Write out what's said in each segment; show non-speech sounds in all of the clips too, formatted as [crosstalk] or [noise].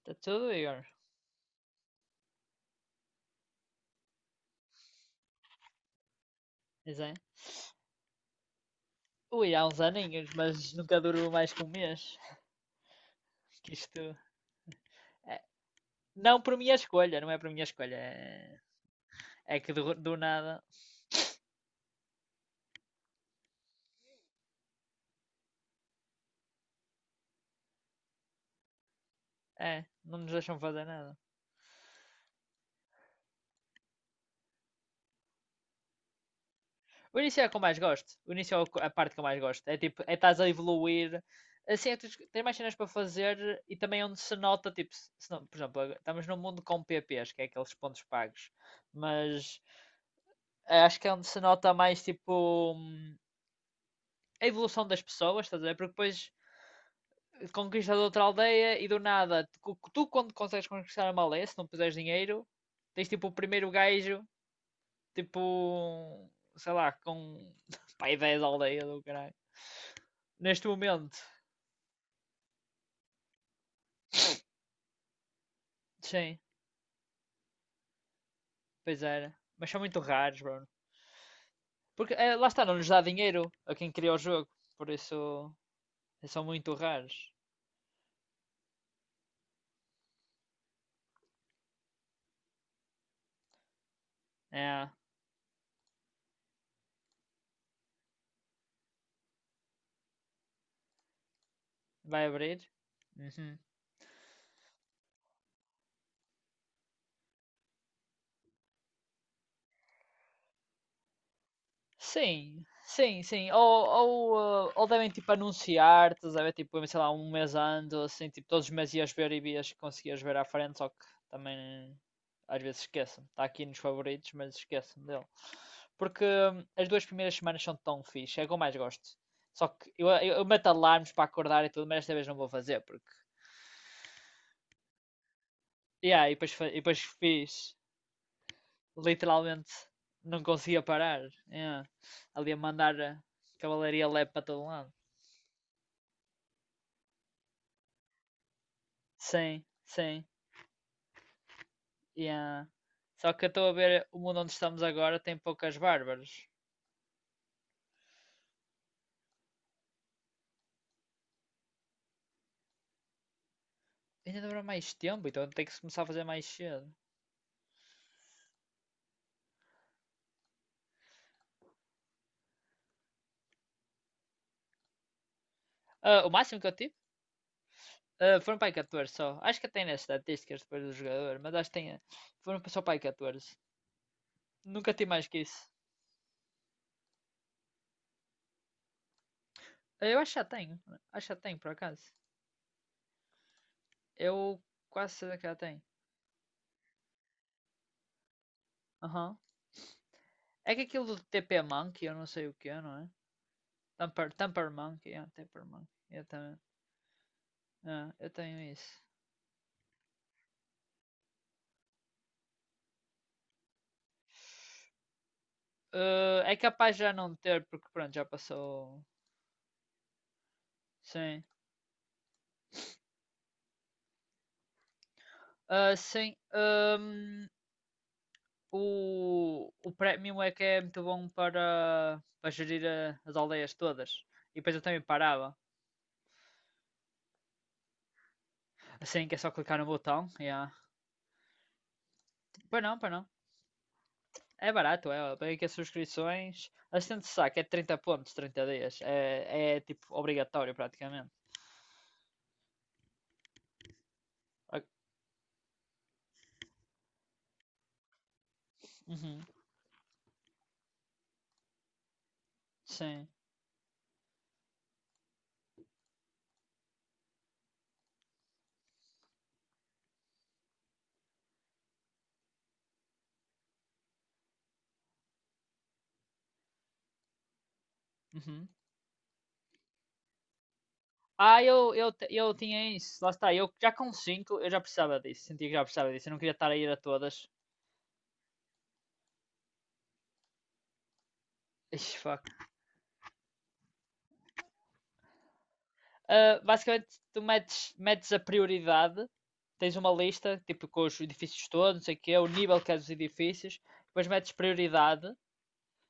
Está tudo, Igor? Pois é. Ui, há uns aninhos, mas nunca durou mais que um mês. Que isto. é- Não por minha escolha, não é por minha escolha. É, é que do nada. É, não nos deixam fazer nada. O início é o que eu mais gosto. O início é a parte que eu mais gosto. É tipo, é estás a evoluir. Assim, é, tens mais cenas para fazer e também onde se nota, tipo, se não, por exemplo, agora estamos num mundo com PPs, que é aqueles pontos pagos. Mas acho que é onde se nota mais, tipo, a evolução das pessoas, estás a ver? Porque depois conquistas outra aldeia e do nada, tu quando consegues conquistar uma aldeia, se não puseres dinheiro, tens tipo o primeiro gajo, tipo, sei lá, com [laughs] pai 10 aldeias do caralho. Neste momento, sim, pois era. Mas são muito raros, Bruno. Porque lá está, não nos dá dinheiro a quem cria o jogo. Por isso, são muito raros. É, vai abrir? Uhum. Sim. Ou, ou devem tipo anunciar, estás a ver? Tipo, sei lá, um mês antes, assim, tipo, todos os meses ias ver e vias que conseguias ver à frente, só que também às vezes esqueço-me. Está aqui nos favoritos, mas esqueço-me dele. Porque as duas primeiras semanas são tão fixe, é o que eu mais gosto. Só que eu meto alarmes para acordar e tudo, mas esta vez não vou fazer, porque. Yeah, e depois, e depois fiz, literalmente, não conseguia parar. Yeah. Ali a mandar a cavalaria leve para todo lado. Sim, sim. Yeah. Só que eu estou a ver o mundo onde estamos agora tem poucas bárbaras. Ainda demora mais tempo, então tem que se começar a fazer mais cedo. Ah, o máximo que eu tive foram para aí 14 só. Acho que até nas estatísticas depois do jogador, mas acho que tem, foram só para aí 14. Nunca tive mais que isso. Ah, eu acho que já tenho. Acho que já tenho, por acaso. Eu quase certeza que já tenho. Aham. É que aquilo do TP Monkey, eu não sei o que é, não é? Tamper, Tamper Monkey, yeah, Tamper Monkey. Eu também. Ah, eu tenho isso. Ah, é capaz já não ter, porque pronto, já passou. Sim. Ah, sim. O Premium é que é muito bom para, para gerir as aldeias todas. E depois eu também parava. Assim que é só clicar no botão. Yeah. Pois não, pois não. É barato, é. Bem que as subscrições. Assistente de saque é 30 pontos, 30 dias. É, é tipo obrigatório praticamente. Ok. Uhum. Sim. Uhum. Ah, eu tinha isso, lá está, eu já com 5. Eu já precisava disso, sentia que já precisava disso, eu não queria estar a ir a todas. Ixi, fuck. Ah, basicamente, tu metes, metes a prioridade, tens uma lista, tipo com os edifícios todos, não sei o quê, o nível que é dos edifícios, depois metes prioridade,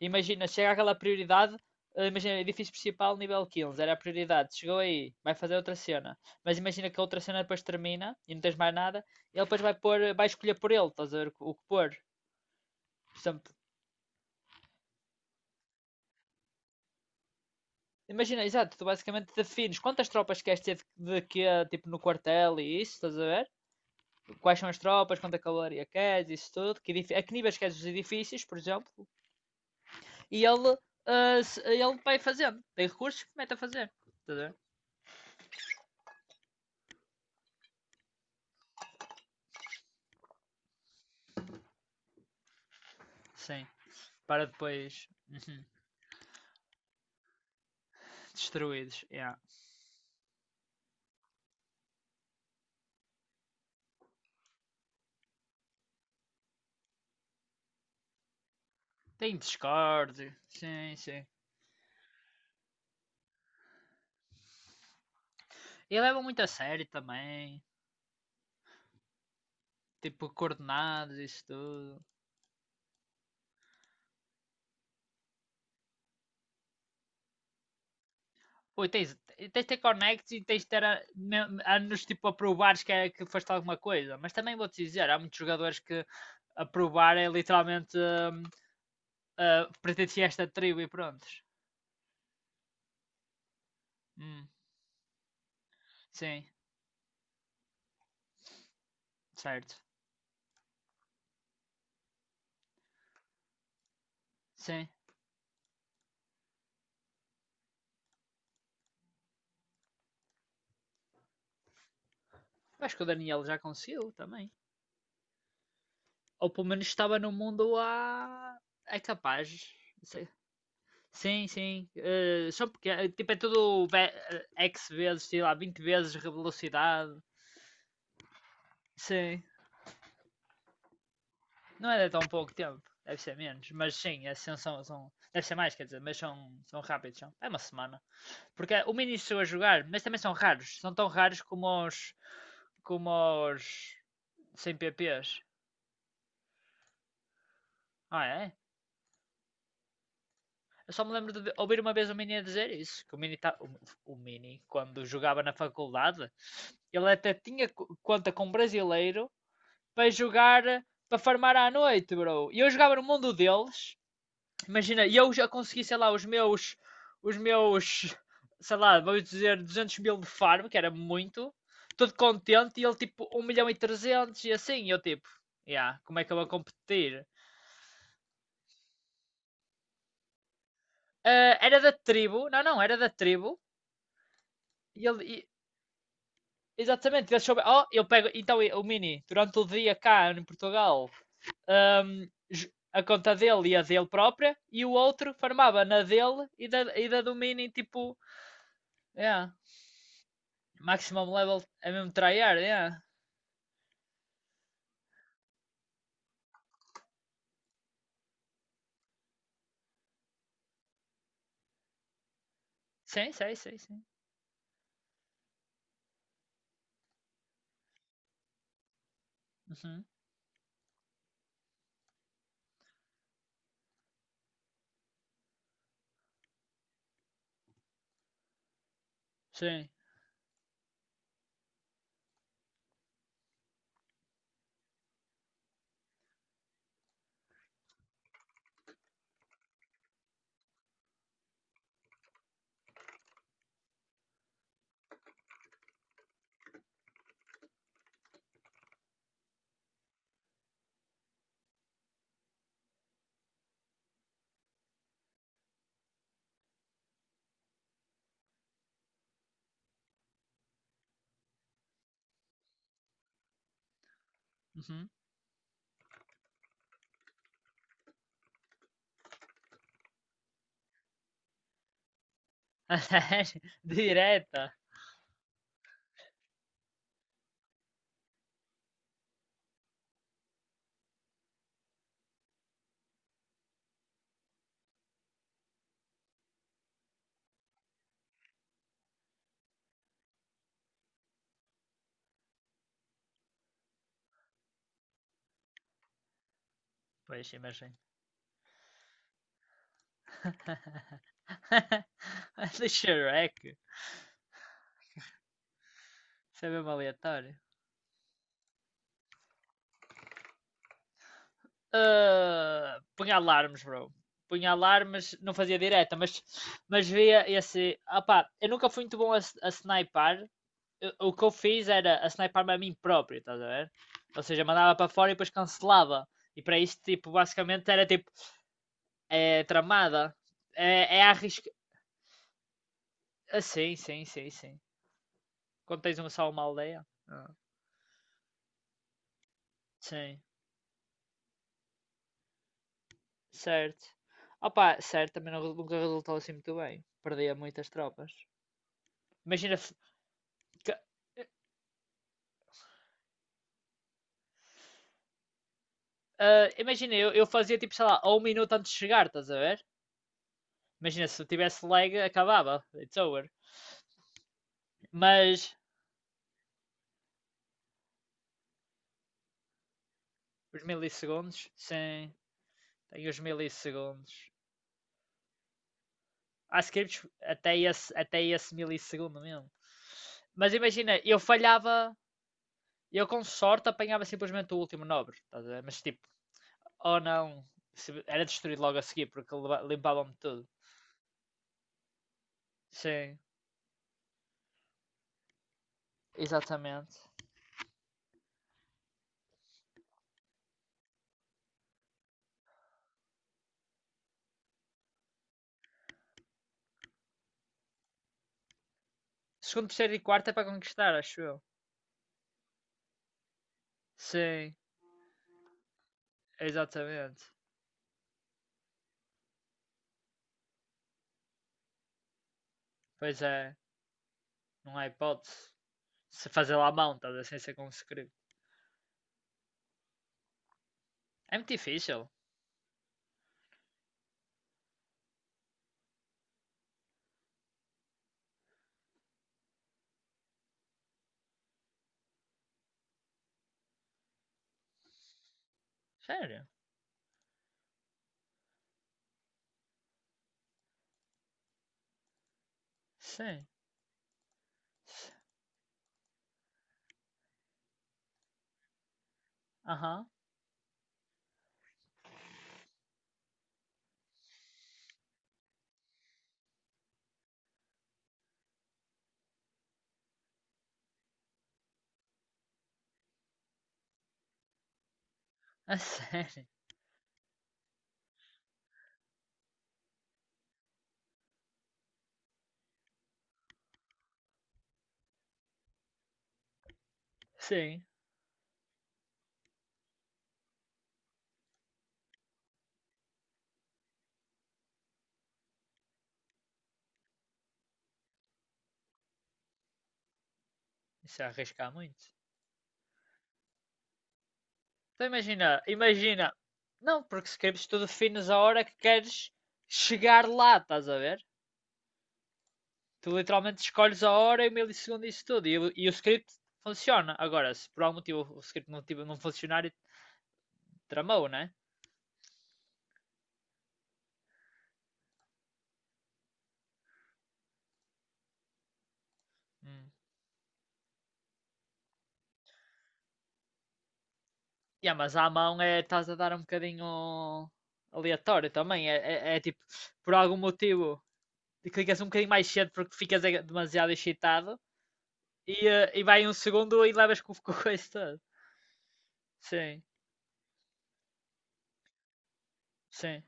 imagina, chega àquela prioridade, ah, imagina, edifício principal, nível 15. Era a prioridade, chegou aí, vai fazer outra cena, mas imagina que a outra cena depois termina e não tens mais nada, ele depois vai pôr, vai escolher por ele, estás a ver o que pôr. Por Imagina, exato, tu basicamente defines quantas tropas queres ter de quê, tipo, no quartel e isso, estás a ver? Quais são as tropas, quanta caloria queres, isso tudo, que a que níveis queres os edifícios, por exemplo, e ele, ele vai fazendo, tem recursos que mete a fazer, estás a ver? Sim, para depois uhum, destruídos, yeah. Tem Discord, sim, sim. E levam muito a sério também, tipo, coordenados, isso tudo. Ui, tens, tens de ter connects e tens de ter anos tipo a provares que, é, que foste alguma coisa. Mas também vou-te dizer, há muitos jogadores que a provar é literalmente ah, pertence a esta tribo e pronto. Hum, sim, certo. Sim. Acho que o Daniel já conseguiu também. Ou pelo menos estava no mundo há. É capaz. Sei. Sim, sim. São pequenos. Tipo, é tudo X vezes, sei lá, 20 vezes a velocidade. Sim. Não é de tão pouco tempo, deve ser menos, mas sim, assim são, são deve ser mais, quer dizer, mas são, são rápidos, são. É uma semana. Porque o Mini chegou a jogar, mas também são raros, são tão raros como os. Como os. Sem PPs. Ah, é? Eu só me lembro de ouvir uma vez o Mini a dizer isso, que o Mini, tá, o Mini quando jogava na faculdade, ele até tinha conta com um brasileiro para jogar, para farmar à noite, bro. E eu jogava no mundo deles, imagina, e eu já consegui, sei lá, os meus, sei lá, vamos dizer 200 mil no farm, que era muito, todo contente, e ele tipo um milhão e 300 e assim, eu tipo, yeah, como é que eu vou competir? Ah, era da tribo, não, não, era da tribo, e ele, e- exatamente, ele soube, oh, eu pego, então o Mini, durante o dia cá em Portugal, ahm, a conta dele e a dele própria, e o outro farmava na dele e da do Mini, tipo, é, yeah. Maximum level é mesmo tryhard, yeah. Sim, sei, sei, sim. Uhum, sim. Uhum. [laughs] Direta. Pois, imagino. [laughs] Do Shrek. Isso é mesmo aleatório. Ah, punha alarmes, bro. Punha alarmes, não fazia direta, mas via esse. Opá, eu nunca fui muito bom a sniper. O que eu fiz era a sniper-me a mim próprio, estás a ver? Ou seja, mandava para fora e depois cancelava. E para isso, tipo, basicamente era tipo, é tramada. É, é arrisca. Ah, sim, sim, sim, sim. Quando tens um só uma aldeia. Ah. Sim, certo. Opa, certo, também não, nunca resultou assim muito bem. Perdia muitas tropas. Imagina. Que- imagina, eu fazia tipo, sei lá, a um minuto antes de chegar, estás a ver? Imagina, se eu tivesse lag, acabava. It's over. Mas, os milissegundos, sim, tem os milissegundos. Há scripts até esse milissegundo mesmo. Mas imagina, eu falhava. Eu com sorte apanhava simplesmente o último nobre, estás a ver? Mas tipo, ou não, era destruído logo a seguir porque limpavam-me tudo. Sim, exatamente. Segundo, terceiro e quarto é para conquistar, acho eu. Sim, exatamente. Pois é, não há hipótese. Se fazer lá à mão, estás a ver? Sem ser com é muito difícil. Sério? Sim. S- Aham. [laughs] Uhum. A sério? Sim. Isso é arriscar muito. Então imagina, imagina. Não, porque escreves tudo finos a hora que queres chegar lá, estás a ver? Tu literalmente escolhes a hora e o milissegundo e isso tudo. E, e o script funciona. Agora, se por algum motivo o script não funcionar, tramou, né? Hum. Yeah, mas à mão é, estás a dar um bocadinho aleatório também. É, é tipo, por algum motivo, clicas um bocadinho mais cedo porque ficas demasiado excitado e, e vai um segundo e levas com, [laughs] com o coisa toda. Sim, sim.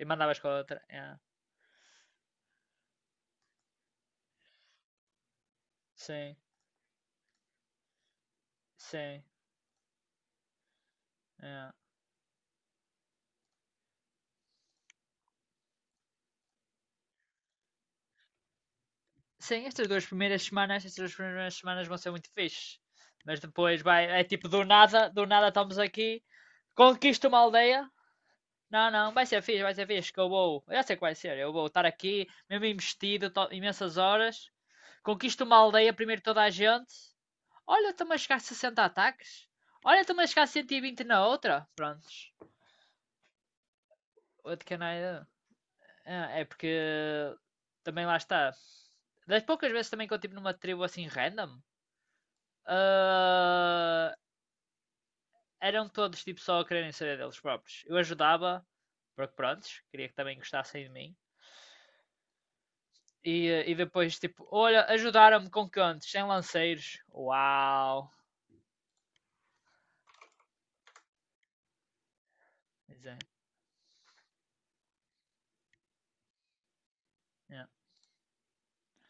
E mandavas com a outra. Yeah. Sim, sim. Yeah. Sim, estas duas primeiras semanas, estas duas primeiras semanas vão ser muito fixes. Mas depois vai, é tipo do nada estamos aqui, conquista uma aldeia. Não, não, vai ser fixe, que eu vou, eu já sei que vai ser, eu vou estar aqui, mesmo investido, imensas horas, conquisto uma aldeia, primeiro toda a gente. Olha, estamos a chegar a 60 ataques. Olha, estamos a chegar a 120 na outra. Prontos. What can I do? Ah, é porque também lá está. Das poucas vezes também que eu estive numa tribo assim random, ah, eram todos tipo só a quererem saber deles próprios. Eu ajudava, porque prontos, queria que também gostassem de mim. E, e depois tipo, olha, ajudaram-me com cantos, sem lanceiros. Uau! Pois é, é.